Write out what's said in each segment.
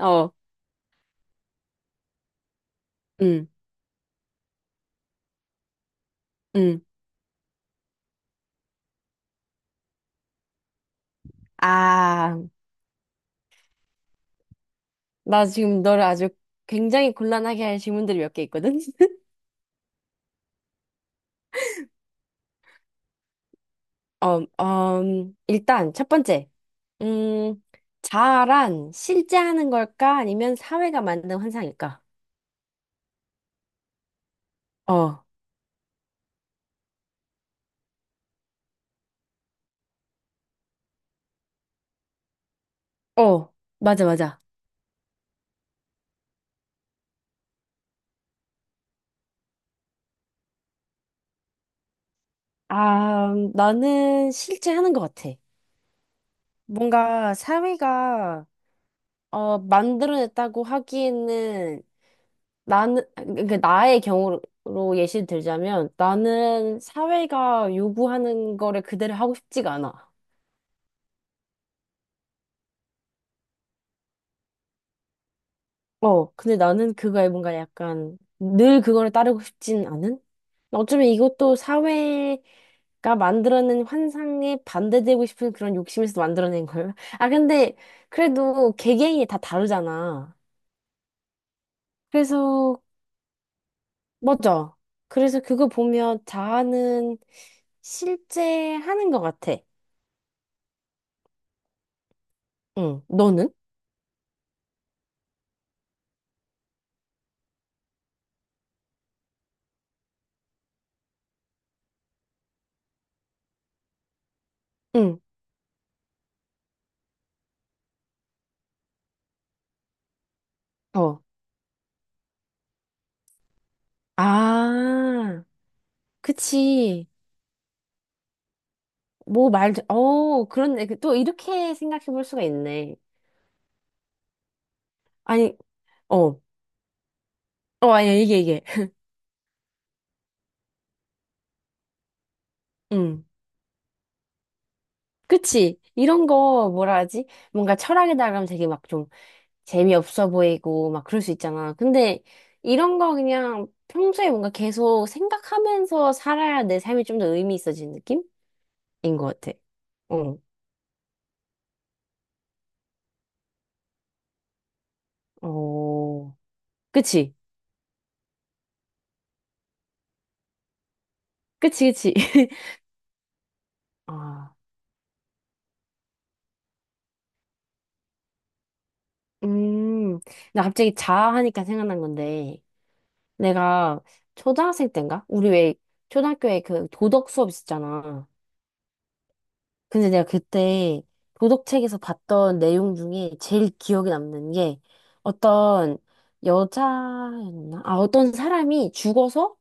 어, 응, 응. 아, 나 지금 너를 아주 굉장히 곤란하게 할 질문들이 몇 개 있거든? 어, 일단 첫 번째. 음, 자아란 실제 하는 걸까? 아니면 사회가 만든 환상일까? 어, 어, 맞아, 맞아. 아, 나는 실제 하는 것 같아. 뭔가 사회가 만들어냈다고 하기에는 나는, 그러니까 나의 경우로 예시를 들자면 나는 사회가 요구하는 거를 그대로 하고 싶지가 않아. 근데 나는 그거에 뭔가 약간 늘 그거를 따르고 싶진 않은? 어쩌면 이것도 사회가 만들어낸 환상에 반대되고 싶은 그런 욕심에서 만들어낸 걸. 아, 근데 그래도 개개인이 다 다르잖아. 그래서, 맞아. 그래서 그거 보면 자아는 실제 하는 것 같아. 응, 너는? 응, 더. 아, 그치. 뭐 말도, 그런데 또 이렇게 생각해 볼 수가 있네. 아니, 어, 아니야, 이게. 응, 그치. 이런 거 뭐라 하지? 뭔가 철학에다 가면 되게 막 좀 재미없어 보이고 막 그럴 수 있잖아. 근데 이런 거 그냥 평소에 뭔가 계속 생각하면서 살아야 내 삶이 좀 더 의미 있어지는 느낌인 것 같아. 어, 어, 그치. 그치, 그치. 아. 음, 나 갑자기 자하니까 생각난 건데, 내가 초등학생 때인가? 우리 왜 초등학교에 그 도덕 수업 있었잖아. 근데 내가 그때 도덕책에서 봤던 내용 중에 제일 기억에 남는 게 어떤 여자였나? 아, 어떤 사람이 죽어서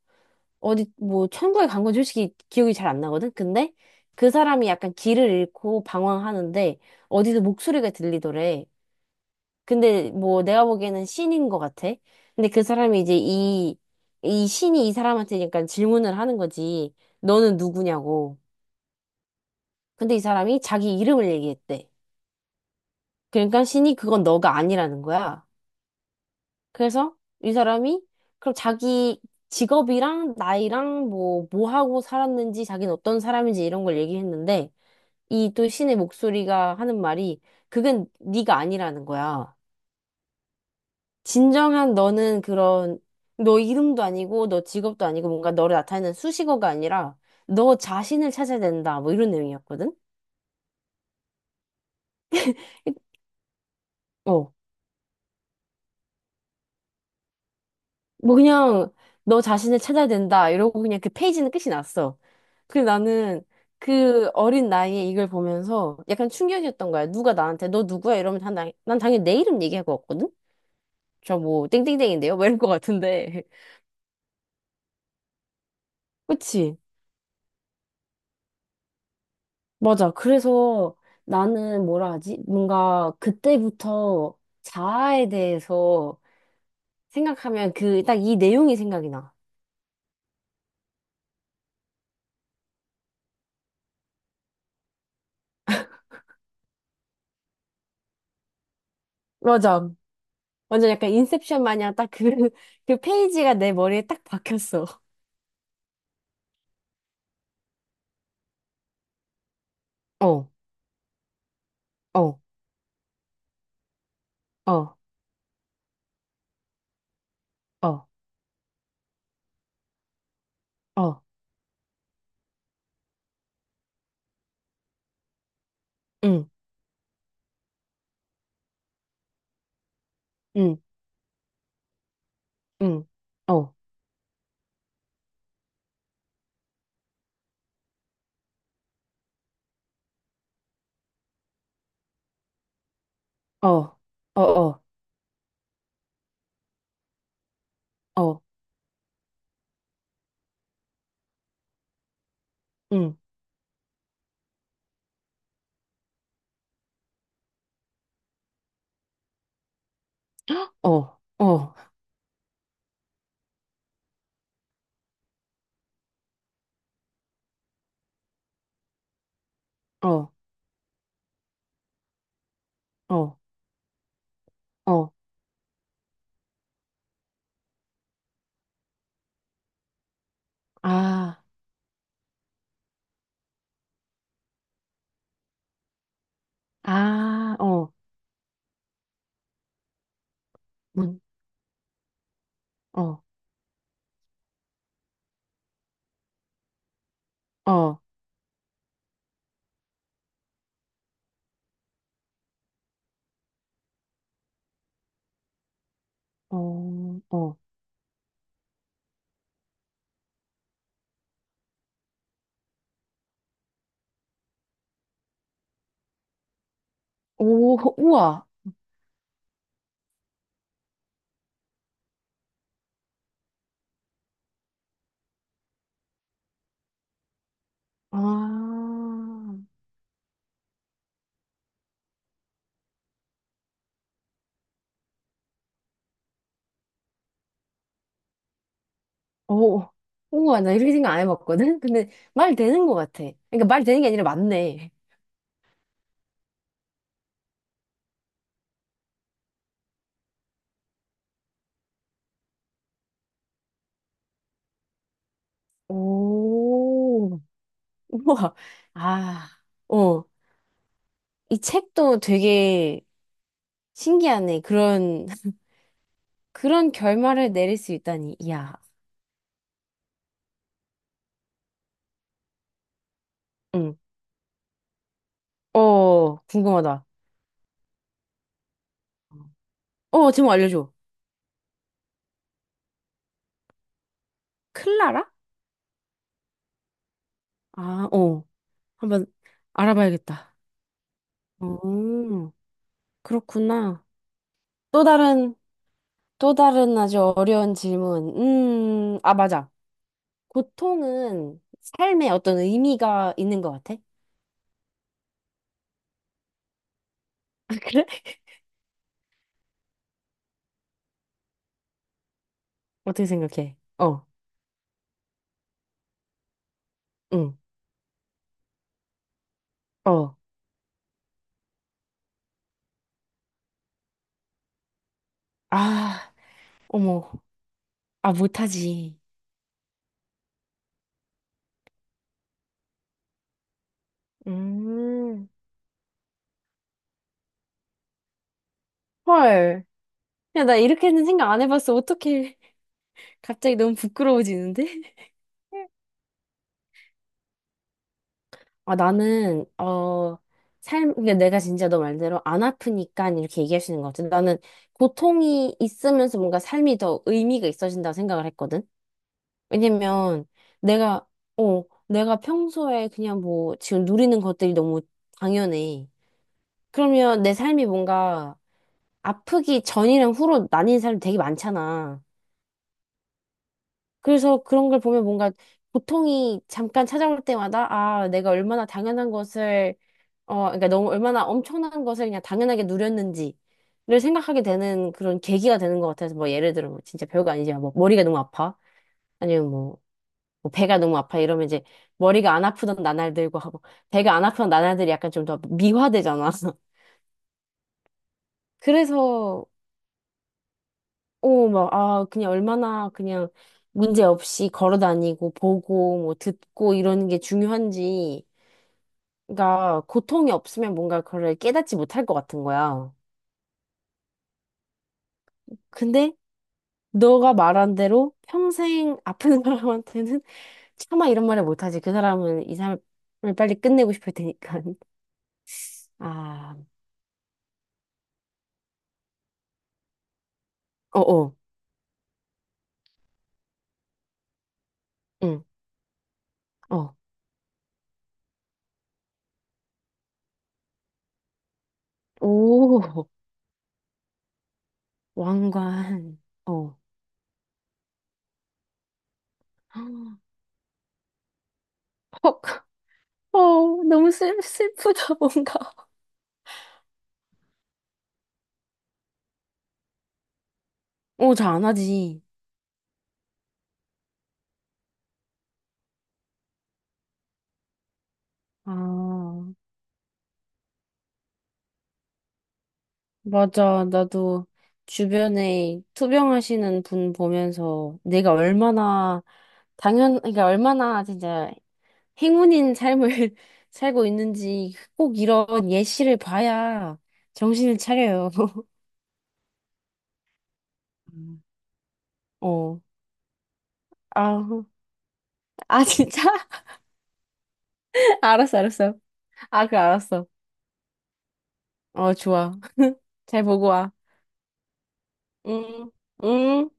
어디 뭐 천국에 간 건 솔직히 기억이 잘 안 나거든? 근데 그 사람이 약간 길을 잃고 방황하는데 어디서 목소리가 들리더래. 근데 뭐 내가 보기에는 신인 것 같아. 근데 그 사람이 이제 이 신이 이 사람한테 약간 질문을 하는 거지. 너는 누구냐고. 근데 이 사람이 자기 이름을 얘기했대. 그러니까 신이 그건 너가 아니라는 거야. 그래서 이 사람이 그럼 자기 직업이랑 나이랑 뭐 하고 살았는지 자기는 어떤 사람인지 이런 걸 얘기했는데 이 또 신의 목소리가 하는 말이 그건 네가 아니라는 거야. 진정한 너는 그런 너 이름도 아니고 너 직업도 아니고 뭔가 너를 나타내는 수식어가 아니라 너 자신을 찾아야 된다. 뭐 이런 내용이었거든. 어. 뭐 그냥 너 자신을 찾아야 된다. 이러고 그냥 그 페이지는 끝이 났어. 그래 나는 그 어린 나이에 이걸 보면서 약간 충격이었던 거야. 누가 나한테 너 누구야? 이러면 난, 난 당연히 내 이름 얘기할 것 같거든. 저 뭐 땡땡땡인데요? 뭐 이럴 것 같은데. 그치? 맞아. 그래서 나는 뭐라 하지? 뭔가 그때부터 자아에 대해서 생각하면 그, 딱 이 내용이 생각이 나. 맞아. 완전 약간 인셉션 마냥 딱 그, 그 페이지가 내 머리에 딱 박혔어. 어, 어, 어, 어, 어, 응, 응, 응, 어, 어, 어, 어, 어, 응, 어, 어, 어, 어, 어, 아, 아, 어, 문, 어, 어, 어, 어. 오, 그 우와. 아, 오, 우와, 나 이렇게 생각 안 해봤거든? 근데 말 되는 것 같아. 그러니까 말 되는 게 아니라 맞네. 오, 우와. 아, 어. 이 책도 되게 신기하네. 그런, 그런 결말을 내릴 수 있다니. 이야. 응. 어, 궁금하다. 어, 제목 알려줘. 클라라? 아, 어. 한번 알아봐야겠다. 음, 그렇구나. 또 다른 또 다른 아주 어려운 질문. 아, 맞아. 고통은 삶에 어떤 의미가 있는 것 같아? 아, 그래? 어떻게 생각해? 어, 응, 어. 아, 어머. 아, 못하지. 음, 헐. 야, 나 이렇게는 생각 안 해봤어. 어떻게 갑자기 너무 부끄러워지는데? 아, 나는, 삶, 그러니까 내가 진짜 너 말대로 안 아프니까 이렇게 얘기할 수 있는 것 같아. 나는 고통이 있으면서 뭔가 삶이 더 의미가 있어진다고 생각을 했거든. 왜냐면 내가, 내가 평소에 그냥 뭐 지금 누리는 것들이 너무 당연해. 그러면 내 삶이 뭔가 아프기 전이랑 후로 나뉜 사람이 되게 많잖아. 그래서 그런 걸 보면 뭔가 고통이 잠깐 찾아올 때마다 아, 내가 얼마나 당연한 것을, 그러니까 너무 얼마나 엄청난 것을 그냥 당연하게 누렸는지. 를 생각하게 되는 그런 계기가 되는 것 같아서 뭐 예를 들어 뭐 진짜 별거 아니지만 뭐 머리가 너무 아파 아니면 뭐 배가 너무 아파 이러면 이제 머리가 안 아프던 나날들과 하고 배가 안 아프던 나날들이 약간 좀 더 미화되잖아. 그래서 오 막 아 그냥 얼마나 그냥 문제 없이 걸어 다니고 보고 뭐 듣고 이러는 게 중요한지 그러니까 고통이 없으면 뭔가 그걸 깨닫지 못할 것 같은 거야. 근데 너가 말한 대로 평생 아픈 사람한테는 차마 이런 말을 못하지. 그 사람은 이 삶을 빨리 끝내고 싶을 테니까. 아, 어어, 응, 어. 오, 왕관. 어. 헉, 어, 너무 슬프다, 뭔가. 어, 잘 안 하지. 아, 맞아. 나도 주변에 투병하시는 분 보면서 내가 얼마나 당연, 그러니까 얼마나 진짜 행운인 삶을 살고 있는지 꼭 이런 예시를 봐야 정신을 차려요. 음. 어. 아, 아, 진짜? 알았어, 알았어. 아, 그 알았어. 어, 좋아. 잘 보고 와. 응, 응.